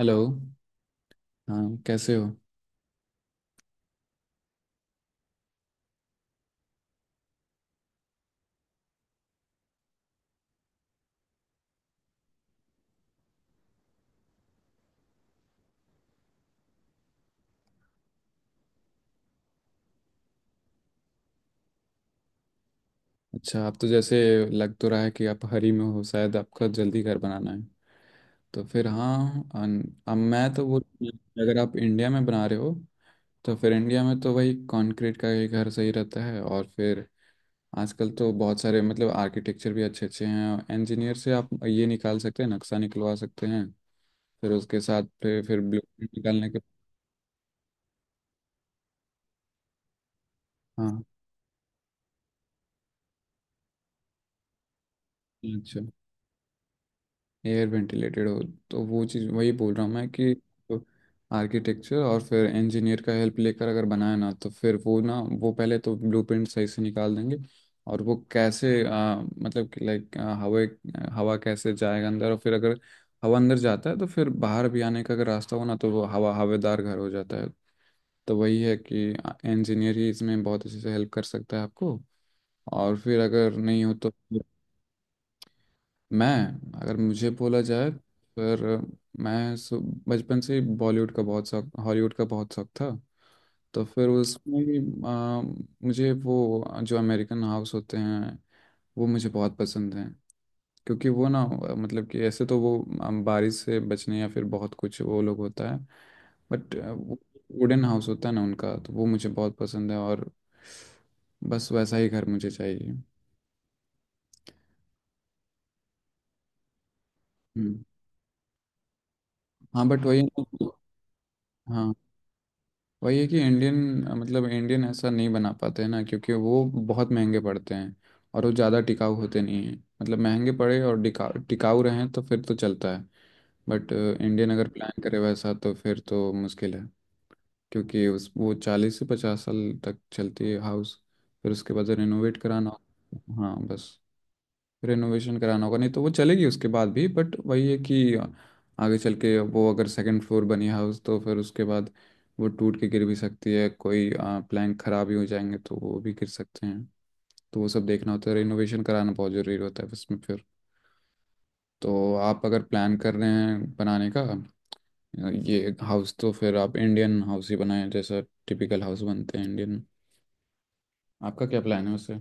Hello. हाँ, कैसे हो। अच्छा, आप तो जैसे लग तो रहा है कि आप हरी में हो, शायद आपका जल्दी घर बनाना है। तो फिर हाँ, अब मैं तो वो अगर आप इंडिया में बना रहे हो, तो फिर इंडिया में तो वही कंक्रीट का ही घर सही रहता है। और फिर आजकल तो बहुत सारे मतलब आर्किटेक्चर भी अच्छे अच्छे हैं, इंजीनियर से आप ये निकाल सकते हैं, नक्शा निकलवा सकते हैं, फिर उसके साथ फिर ब्लूप्रिंट निकालने के। हाँ। अच्छा। एयर वेंटिलेटेड हो, तो वो चीज़ वही बोल रहा हूँ मैं कि आर्किटेक्चर और फिर इंजीनियर का हेल्प लेकर अगर बनाया ना, तो फिर वो ना वो पहले तो ब्लूप्रिंट सही से निकाल देंगे। और वो कैसे मतलब कि लाइक हवा, हवा कैसे जाएगा अंदर, और फिर अगर हवा अंदर जाता है तो फिर बाहर भी आने का अगर रास्ता हो ना, तो वो हवा हवादार घर हो जाता है। तो वही है कि इंजीनियर ही इसमें बहुत अच्छे से हेल्प कर सकता है आपको। और फिर अगर नहीं हो तो। मैं, अगर मुझे बोला जाए, फिर मैं सु- बचपन से ही बॉलीवुड का बहुत शौक, हॉलीवुड का बहुत शौक था। तो फिर उसमें भी, आ, मुझे वो जो अमेरिकन हाउस होते हैं वो मुझे बहुत पसंद हैं। क्योंकि वो ना मतलब कि ऐसे तो वो बारिश से बचने या फिर बहुत कुछ वो लोग होता है। बट वो वुडन हाउस होता है ना उनका, तो वो मुझे बहुत पसंद है। और बस वैसा ही घर मुझे चाहिए। हम्म। हाँ बट वही है। ना- हाँ वही है कि इंडियन, मतलब इंडियन ऐसा नहीं बना पाते हैं ना, क्योंकि वो बहुत महंगे पड़ते हैं। और वो ज़्यादा टिकाऊ होते नहीं हैं, मतलब महंगे पड़े और टिकाऊ टिकाऊ रहें तो फिर तो चलता है। बट इंडियन अगर प्लान करे वैसा तो फिर तो मुश्किल है। क्योंकि उस वो 40 से 50 साल तक चलती है हाउस, फिर उसके बाद रिनोवेट कराना। हाँ, बस। रेनोवेशन कराना होगा, नहीं तो वो चलेगी उसके बाद भी, बट वही है कि आगे चल के वो अगर सेकंड फ्लोर बनी हाउस, तो फिर उसके बाद वो टूट के गिर भी सकती है, कोई प्लैंक खराब ही हो जाएंगे तो वो भी गिर सकते हैं। तो वो सब देखना होता है, रेनोवेशन कराना बहुत ज़रूरी होता है उसमें फिर। तो आप अगर प्लान कर रहे हैं बनाने का ये हाउस, तो फिर आप इंडियन हाउस ही बनाएं, जैसा टिपिकल हाउस बनते हैं इंडियन। आपका क्या प्लान है उससे।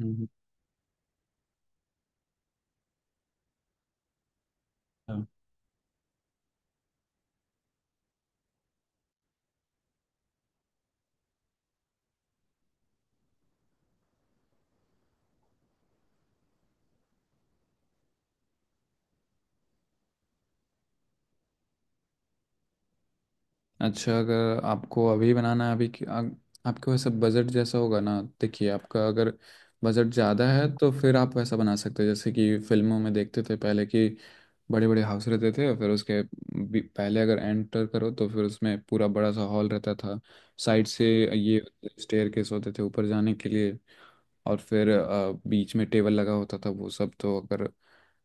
हम्म। अच्छा, अगर आपको अभी बनाना है आपके वैसे बजट जैसा होगा ना। देखिए आपका अगर बजट ज़्यादा है, तो फिर आप वैसा बना सकते हैं जैसे कि फिल्मों में देखते थे पहले कि बड़े बड़े हाउस रहते थे। फिर पहले अगर एंटर करो, तो फिर उसमें पूरा बड़ा सा हॉल रहता था, साइड से ये स्टेयर केस होते थे ऊपर जाने के लिए। और फिर बीच में टेबल लगा होता था। वो सब तो अगर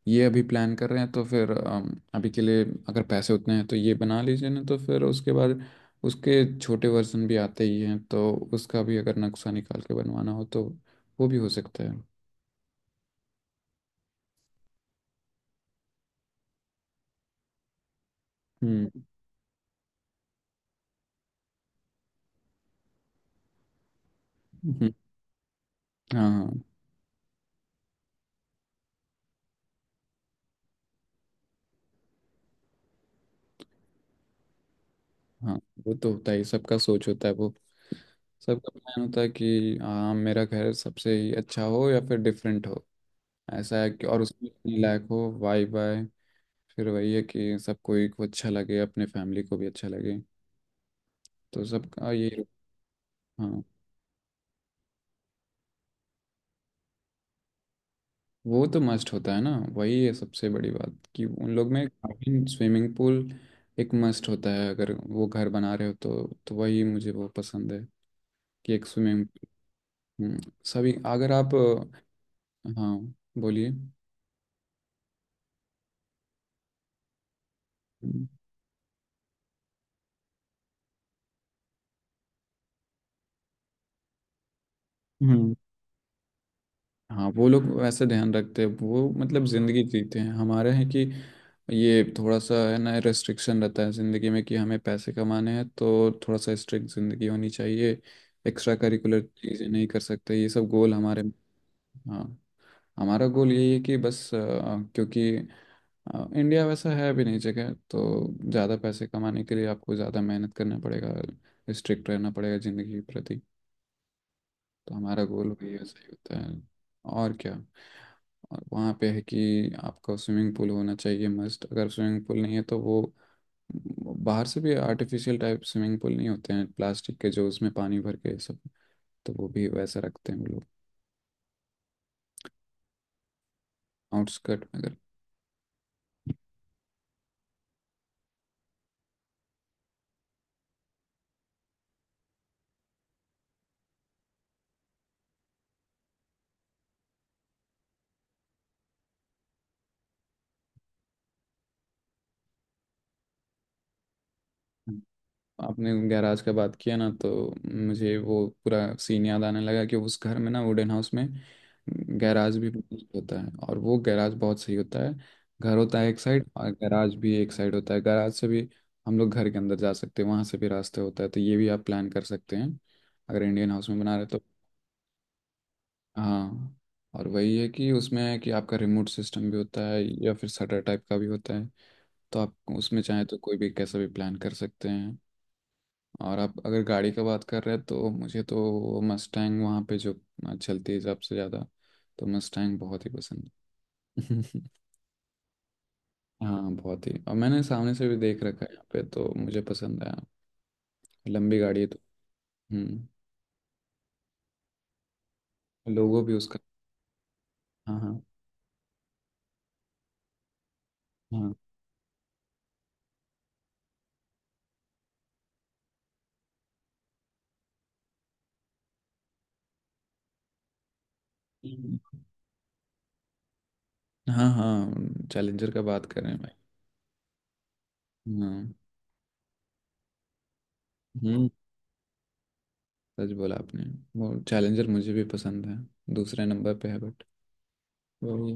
ये अभी प्लान कर रहे हैं, तो फिर अभी के लिए अगर पैसे उतने हैं तो ये बना लीजिए ना। तो फिर उसके बाद उसके छोटे वर्जन भी आते ही हैं, तो उसका भी अगर नक्शा निकाल के बनवाना हो तो वो भी हो सकता है। हम्म। हम्म, हाँ, हाँ, हाँ। वो तो होता ही, सबका सोच होता है वो। सबका प्लान होता है कि हाँ मेरा घर सबसे ही अच्छा हो या फिर डिफरेंट हो, ऐसा है। कि और उसमें अपने लायक हो वाई बाय। फिर वही है कि सबको एक अच्छा लगे, अपने फैमिली को भी अच्छा लगे। तो सबका यही। हाँ। वो तो मस्ट होता है ना, वही है सबसे बड़ी बात कि उन लोग में काफी स्विमिंग पूल एक मस्ट होता है, अगर वो घर बना रहे हो तो। तो वही मुझे वो पसंद है कि एक स्विमिंग। सभी अगर आप। हाँ, बोलिए। हम्म। हम्म। हाँ वो लोग वैसे ध्यान रखते हैं, वो मतलब ज़िंदगी जीते हैं हमारे हैं कि ये थोड़ा सा है ना, रेस्ट्रिक्शन रहता है ज़िंदगी में कि हमें पैसे कमाने हैं, तो थोड़ा सा स्ट्रिक्ट ज़िंदगी होनी चाहिए। एक्स्ट्रा करिकुलर चीज़ें नहीं कर सकते, ये सब गोल हमारे। हाँ। हमारा गोल यही है कि बस क्योंकि इंडिया वैसा है भी नहीं जगह, तो ज़्यादा पैसे कमाने के लिए आपको ज़्यादा मेहनत करना पड़ेगा, स्ट्रिक्ट रहना पड़ेगा ज़िंदगी के प्रति। तो हमारा गोल भी ऐसा ही होता है, और क्या। और वहाँ पे है कि आपका स्विमिंग पूल होना चाहिए मस्ट, अगर स्विमिंग पूल नहीं है तो वो बाहर से भी आर्टिफिशियल टाइप स्विमिंग पूल नहीं होते हैं, प्लास्टिक के जो उसमें पानी भर के सब। तो वो भी वैसा रखते हैं वो लोग आउटस्कर्ट में अगर। आपने गैराज का बात किया ना, तो मुझे वो पूरा सीन याद आने लगा कि उस घर में ना वुडन हाउस में गैराज भी बहुत होता है, और वो गैराज बहुत सही होता है। घर होता है एक साइड और गैराज भी एक साइड होता है, गैराज से भी हम लोग घर के अंदर जा सकते हैं, वहाँ से भी रास्ते होता है, तो ये भी आप प्लान कर सकते हैं, अगर इंडियन हाउस में बना रहे तो। हाँ। और वही है कि उसमें है कि आपका रिमोट सिस्टम भी होता है या फिर शटर टाइप का भी होता है। तो आप उसमें चाहें तो कोई भी कैसा भी प्लान कर सकते हैं। और आप अगर गाड़ी का बात कर रहे हैं, तो मुझे तो मस्टैंग वहाँ पे जो चलती है सबसे ज़्यादा, तो मस्टैंग बहुत ही पसंद है। हाँ बहुत ही, और मैंने सामने से भी देख रखा है यहाँ पे, तो मुझे पसंद आया। लंबी गाड़ी है तो। हम्म। लोगों भी उसका। हाँ, हाँ, हाँ। हम्म। हाँ हाँ, चैलेंजर का बात कर रहे हैं भाई। हाँ। हम्म। सच बोला आपने। वो चैलेंजर मुझे भी पसंद है, दूसरे नंबर पे है बट। वही।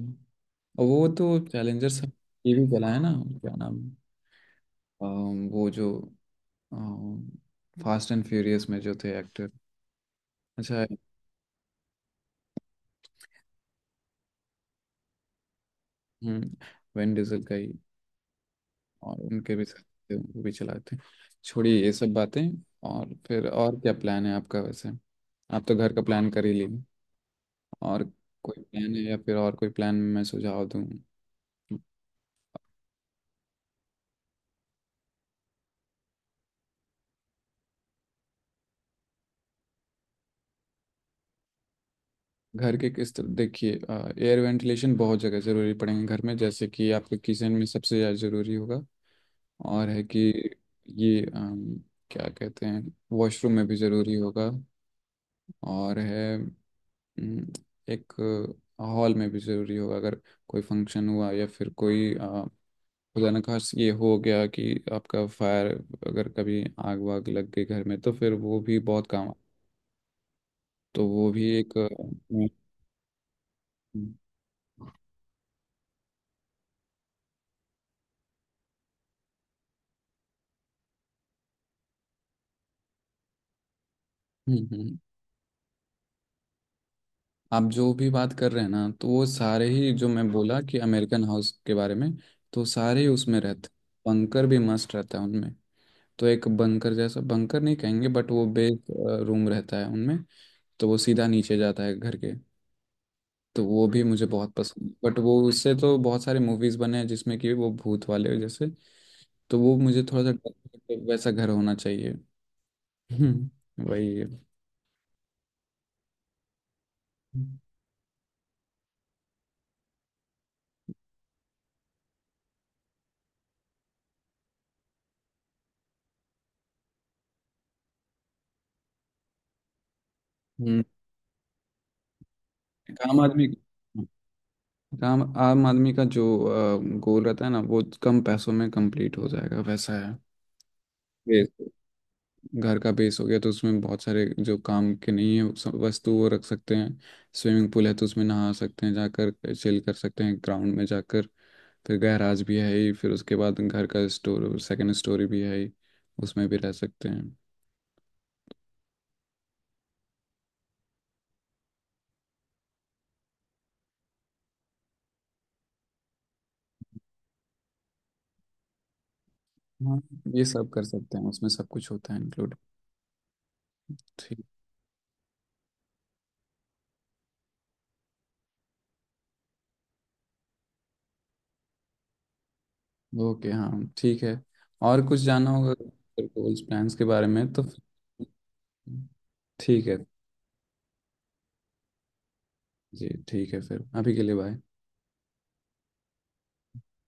और वो तो चैलेंजर सब ये भी चला है ना, क्या नाम, वो जो फास्ट एंड फ्यूरियस में जो थे एक्टर। अच्छा। हम्म। वैन डीजल का ही, और उनके भी साथ थे, वो भी चलाते हैं। छोड़िए ये सब बातें। और फिर और क्या प्लान है आपका वैसे। आप तो घर का प्लान कर ही लिए, और कोई प्लान है या फिर और कोई प्लान मैं सुझाव दूं। घर के किस तरह देखिए, एयर वेंटिलेशन बहुत जगह ज़रूरी पड़ेंगे घर में। जैसे कि आपके किचन में सबसे ज़्यादा ज़रूरी होगा, और है कि ये क्या कहते हैं, वॉशरूम में भी ज़रूरी होगा। और है अम, एक हॉल में भी ज़रूरी होगा, अगर कोई फंक्शन हुआ या फिर कोई खुदा न खास ये हो गया कि आपका फायर, अगर कभी आग वाग लग गई घर में तो फिर वो भी बहुत काम तो वो भी एक हम्म, हम्म, हम्म। आप जो भी बात कर रहे हैं ना, तो वो सारे ही जो मैं बोला कि अमेरिकन हाउस के बारे में, तो सारे ही उसमें रहते। बंकर भी मस्त रहता है उनमें, तो एक बंकर, जैसा बंकर नहीं कहेंगे बट वो बेस रूम रहता है उनमें। तो वो सीधा नीचे जाता है घर के। तो वो भी मुझे बहुत पसंद, बट वो उससे तो बहुत सारे मूवीज बने हैं जिसमें कि वो भूत वाले जैसे। तो वो मुझे थोड़ा सा वैसा घर होना चाहिए। हम्म, वही है। हम्म। काम आदमी आम आम आदमी का जो गोल रहता है ना, वो कम पैसों में कंप्लीट हो जाएगा, वैसा है। बिल्कुल। घर का बेस हो गया तो उसमें बहुत सारे जो काम के नहीं है वस्तु वो रख सकते हैं। स्विमिंग पूल है तो उसमें नहा सकते हैं, जाकर चिल कर सकते हैं ग्राउंड में जाकर। फिर गैराज भी है ही, फिर उसके बाद घर का स्टोर सेकंड स्टोरी भी है ही, उसमें भी रह सकते हैं। हाँ। ये सब कर सकते हैं, उसमें सब कुछ होता है इंक्लूड। ठीक। ओके, हाँ ठीक है। और कुछ जानना होगा गोल्स प्लान्स के बारे में तो। ठीक है। जी ठीक है, फिर अभी के लिए बाय।